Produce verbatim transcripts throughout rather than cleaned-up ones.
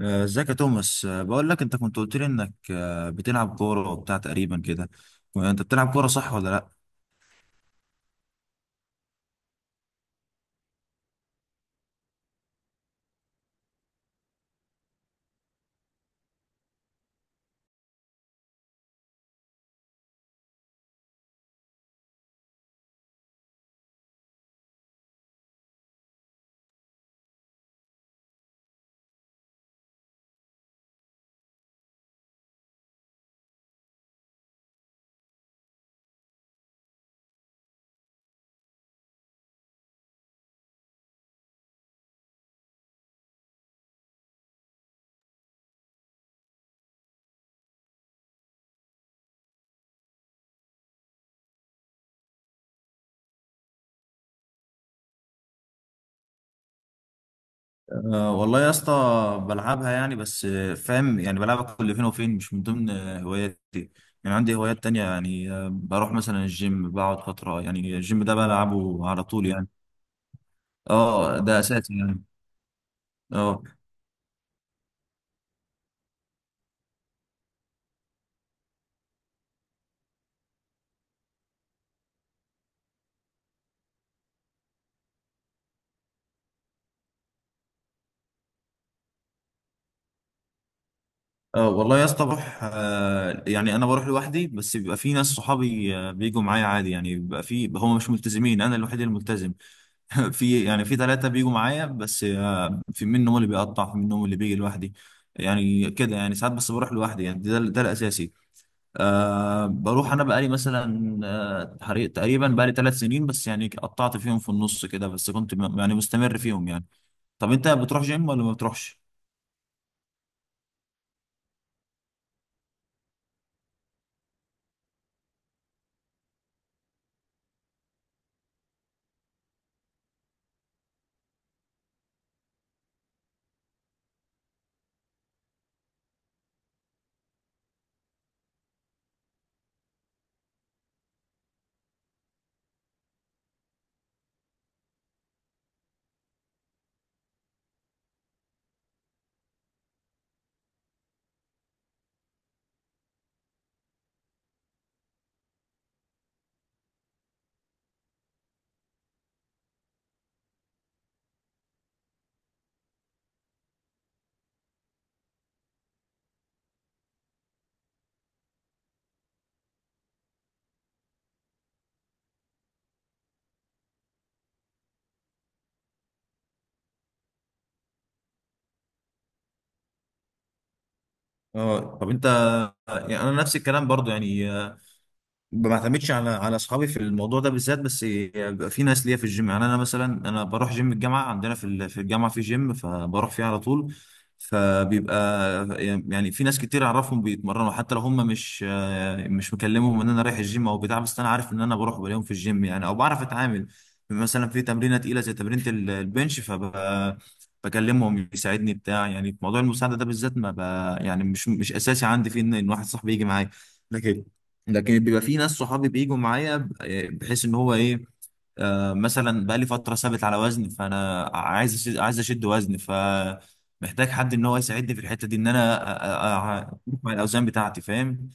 آه، ازيك يا توماس، آه، بقول لك انت كنت قلت لي انك آه، بتلعب كوره وبتاع تقريبا كده. انت بتلعب كوره، صح ولا لا؟ أه والله يا اسطى. بلعبها يعني، بس آه، فاهم، يعني بلعبها كل فين وفين، مش من ضمن آه، هواياتي. يعني عندي هوايات تانية، يعني آه، بروح مثلا الجيم، بقعد فتره، يعني الجيم ده بلعبه على طول يعني. اه ده اساسي يعني. اه، اه، والله يا اسطى، بروح آه، يعني انا بروح لوحدي، بس بيبقى في ناس صحابي آه، بيجوا معايا عادي، يعني بيبقى في، هم مش ملتزمين، انا الوحيد الملتزم. في يعني في ثلاثة بيجوا معايا، بس آه، في منهم اللي بيقطع، في منهم اللي بيجي لوحدي. يعني كده، يعني ساعات بس بروح لوحدي، يعني ده, ده الأساسي. أه بروح، أنا بقالي مثلا آه، حري- تقريبا بقالي ثلاث سنين، بس يعني قطعت فيهم في النص كده، بس كنت م- يعني مستمر فيهم يعني. طب أنت بتروح جيم ولا ما بتروحش؟ اه. طب أنت. يعني أنا نفس الكلام برضو، يعني آه، ما بعتمدش على على اصحابي في الموضوع ده بالذات، بس بيبقى في ناس ليا في الجيم. يعني انا مثلا انا بروح جيم الجامعه، عندنا في ال- في الجامعه في جيم، فبروح فيه على طول. فبيبقى، يعني في ناس كتير اعرفهم بيتمرنوا، حتى لو هم مش مش مكلمهم ان انا رايح الجيم او بتاع، بس انا عارف ان انا بروح بلاقيهم في الجيم يعني، او بعرف اتعامل. مثلا في تمرينه تقيله زي تمرينه ال- البنش، فب بكلمهم يساعدني بتاع، يعني في موضوع المساعده ده بالذات ما ب... يعني مش مش اساسي عندي فيه ان إن واحد صاحبي يجي معايا. لكن بيبقى في ناس صحابي بيجوا معايا ب- آه، بحيث ان هو ايه. آه مثلا بقى لي فتره ثابت على وزن، فانا عايز أشد، عايز اشد وزن، فمحتاج حد ان هو يساعدني في الحته دي، ان انا أ- أ- أ- أروح مع الاوزان بتاعتي فاهم.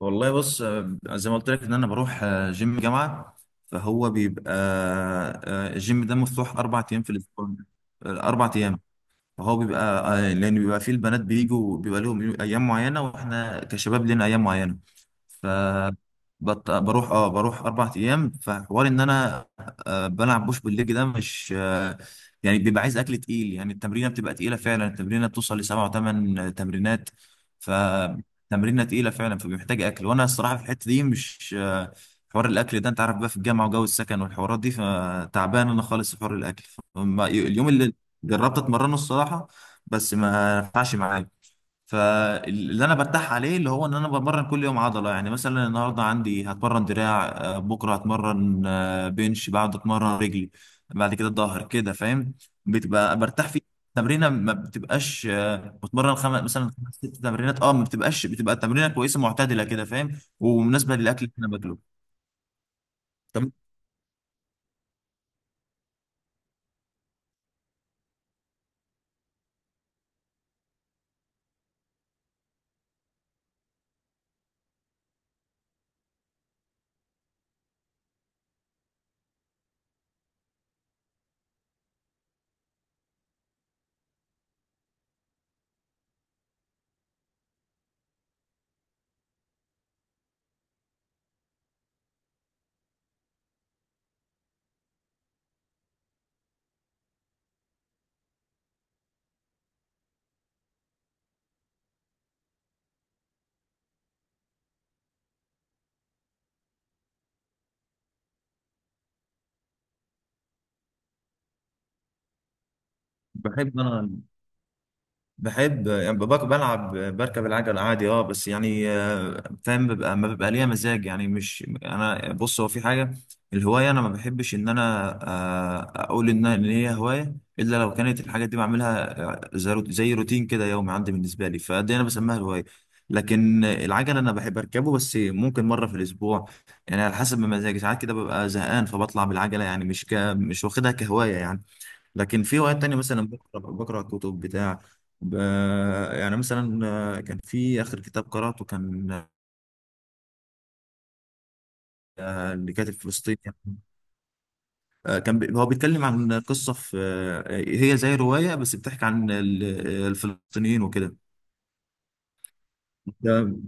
والله بص، آه، زي ما قلت لك ان انا بروح آه، جيم جامعه. فهو بيبقى آه، آه، الجيم ده مفتوح اربع ايام في الاسبوع. آه، اربع ايام. هو بيبقى، آه، لان بيبقى فيه البنات بيجوا، بيبقى لهم ايام معينه، واحنا كشباب لنا ايام معينه. ف بط... بروح اه بروح اربع ايام، فحوار ان انا آه بلعب بوش بالليج، ده مش آه يعني بيبقى عايز اكل تقيل، يعني التمرينه بتبقى تقيله فعلا، التمرينه بتوصل لسبع وثمان تمرينات. فتمرينه تقيله فعلا، فبيحتاج اكل، وانا الصراحه في الحته دي مش آه حوار الاكل ده، انت عارف، بقى في الجامعه وجو السكن والحوارات دي، فتعبان انا خالص في حوار الاكل. فما- اليوم اللي جربت اتمرنه الصراحه، بس ما نفعش معايا. فاللي انا برتاح عليه، اللي هو ان انا بمرن كل يوم عضله، يعني مثلا النهارده عندي هتمرن دراع، آه، بكره هتمرن آه، بنش، بعد اتمرن رجلي. بعد كده الظهر كده فاهم، بتبقى برتاح فيه. تمرينه ما بتبقاش آه، بتمرن خمس مثلا، خمس ست تمرينات، اه ما بتبقاش، بتبقى تمرينه كويسه معتدله كده فاهم، ومناسبه للاكل اللي انا باكله. طب. بحب انا بحب يعني ببقى بلعب بركب العجل عادي، اه بس يعني آه، فاهم، ببقى ما ببقى ليا مزاج، يعني مش انا، بص هو في حاجه. الهوايه، انا ما بحبش ان انا آه، اقول ان إن هي هوايه، الا لو كانت الحاجات دي بعملها آه، زي روت- زي روتين كده يومي عندي بالنسبه لي، فدي انا بسميها هوايه. لكن العجل انا بحب اركبه، بس ممكن مره في الاسبوع. يعني على حسب ما مزاجي، ساعات كده ببقى زهقان فبطلع بالعجله، يعني مش ك... مش واخدها كهوايه يعني. لكن في وقت تاني مثلا بقرا بقرا كتب بتاع، ب... يعني مثلا، آه، كان في اخر كتاب قراته، كان آه، لكاتب فلسطيني يعني. آه، كان ب... هو بيتكلم عن قصه، في آه، هي زي روايه بس بتحكي عن ال- الفلسطينيين وكده. ده-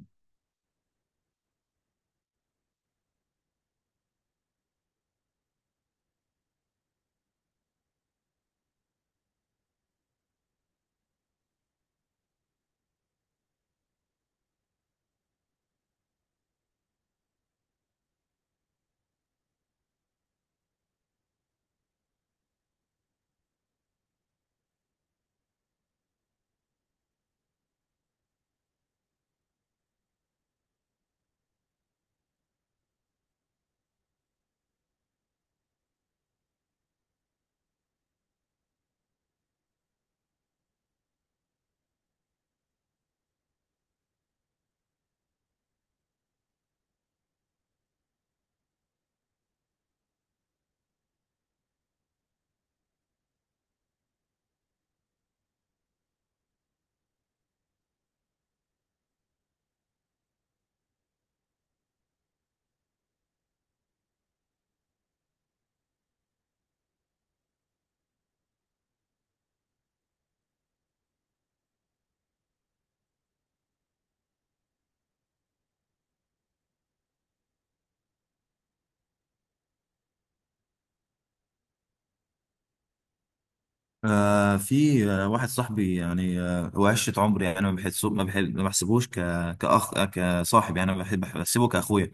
آه، في، آه، واحد صاحبي يعني، آه، هو عشرة عمري، يعني انا ما بحسه، ما بحب- ما بحسبوش ك... كاخ آه، كصاحب يعني، أنا بحب بحسبه كاخويا.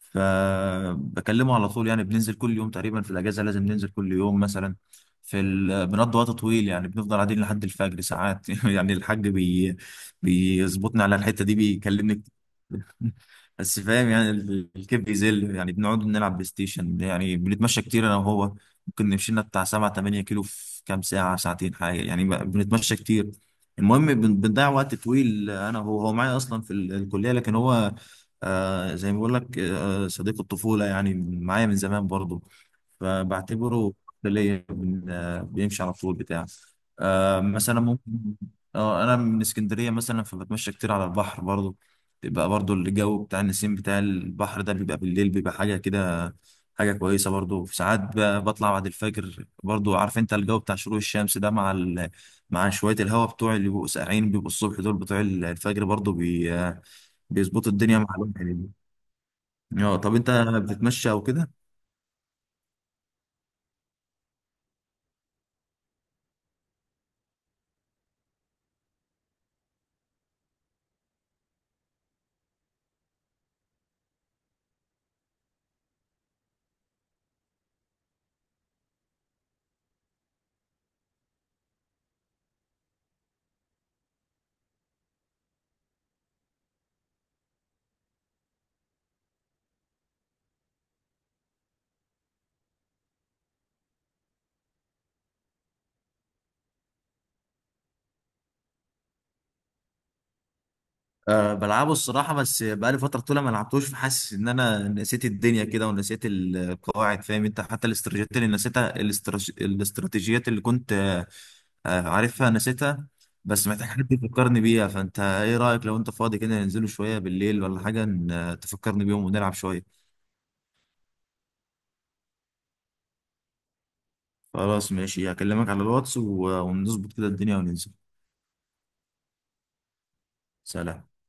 فبكلمه على طول، يعني بننزل كل يوم تقريبا، في الاجازه لازم ننزل كل يوم مثلا. في ال... بنقضي وقت طويل، يعني بنفضل قاعدين لحد الفجر ساعات. يعني الحاج بي... بيظبطني على الحته دي، بيكلمني. بس فاهم، يعني ال- الكيف بيزل، يعني بنقعد نلعب بلاي ستيشن، يعني بنتمشى كتير انا وهو. ممكن نمشي لنا بتاع سبعة تمانية كيلو في كام ساعه ساعتين حاجه، يعني ب- بنتمشى كتير. المهم بن- بنضيع وقت طويل، انا هو هو معايا اصلا في ال- الكليه، لكن هو آه زي ما بقول لك، آه صديق الطفوله يعني، معايا من زمان برضه، فبعتبره ليا بن- آه، بيمشي على طول بتاع. آه مثلا ممكن. اه انا من اسكندريه مثلا، فبتمشى كتير على البحر برضو. بيبقى برضو الجو بتاع النسيم بتاع البحر ده، بيبقى بالليل، بيبقى حاجه كده. حاجه كويسه برضو، في ساعات ب- بطلع بعد الفجر برضو، عارف انت الجو بتاع شروق الشمس ده، مع ال... مع شويه الهواء بتوع، اللي بيبقوا ساقعين بيبقوا الصبح، دول بتوع الفجر برضو بي... بيظبطوا الدنيا مع الواحد يعني. اه. طب انت بتتمشى او كده؟ أه بلعبه الصراحة، بس بقالي فترة طويلة ما لعبتوش، فحاسس إن أنا نسيت الدنيا كده، ونسيت القواعد فاهم أنت، حتى الاستراتيجيات اللي نسيتها، الاستراتيج- الاستراتيجيات اللي كنت آه، آه، عارفها نسيتها. بس محتاج حد يفكرني بيها. فأنت إيه رأيك، لو أنت فاضي كده ننزلوا شوية بالليل ولا حاجة، ن- آه، تفكرني بيهم ونلعب شوية. خلاص ماشي، هكلمك على الواتس و- ونظبط كده الدنيا وننزل. سلام.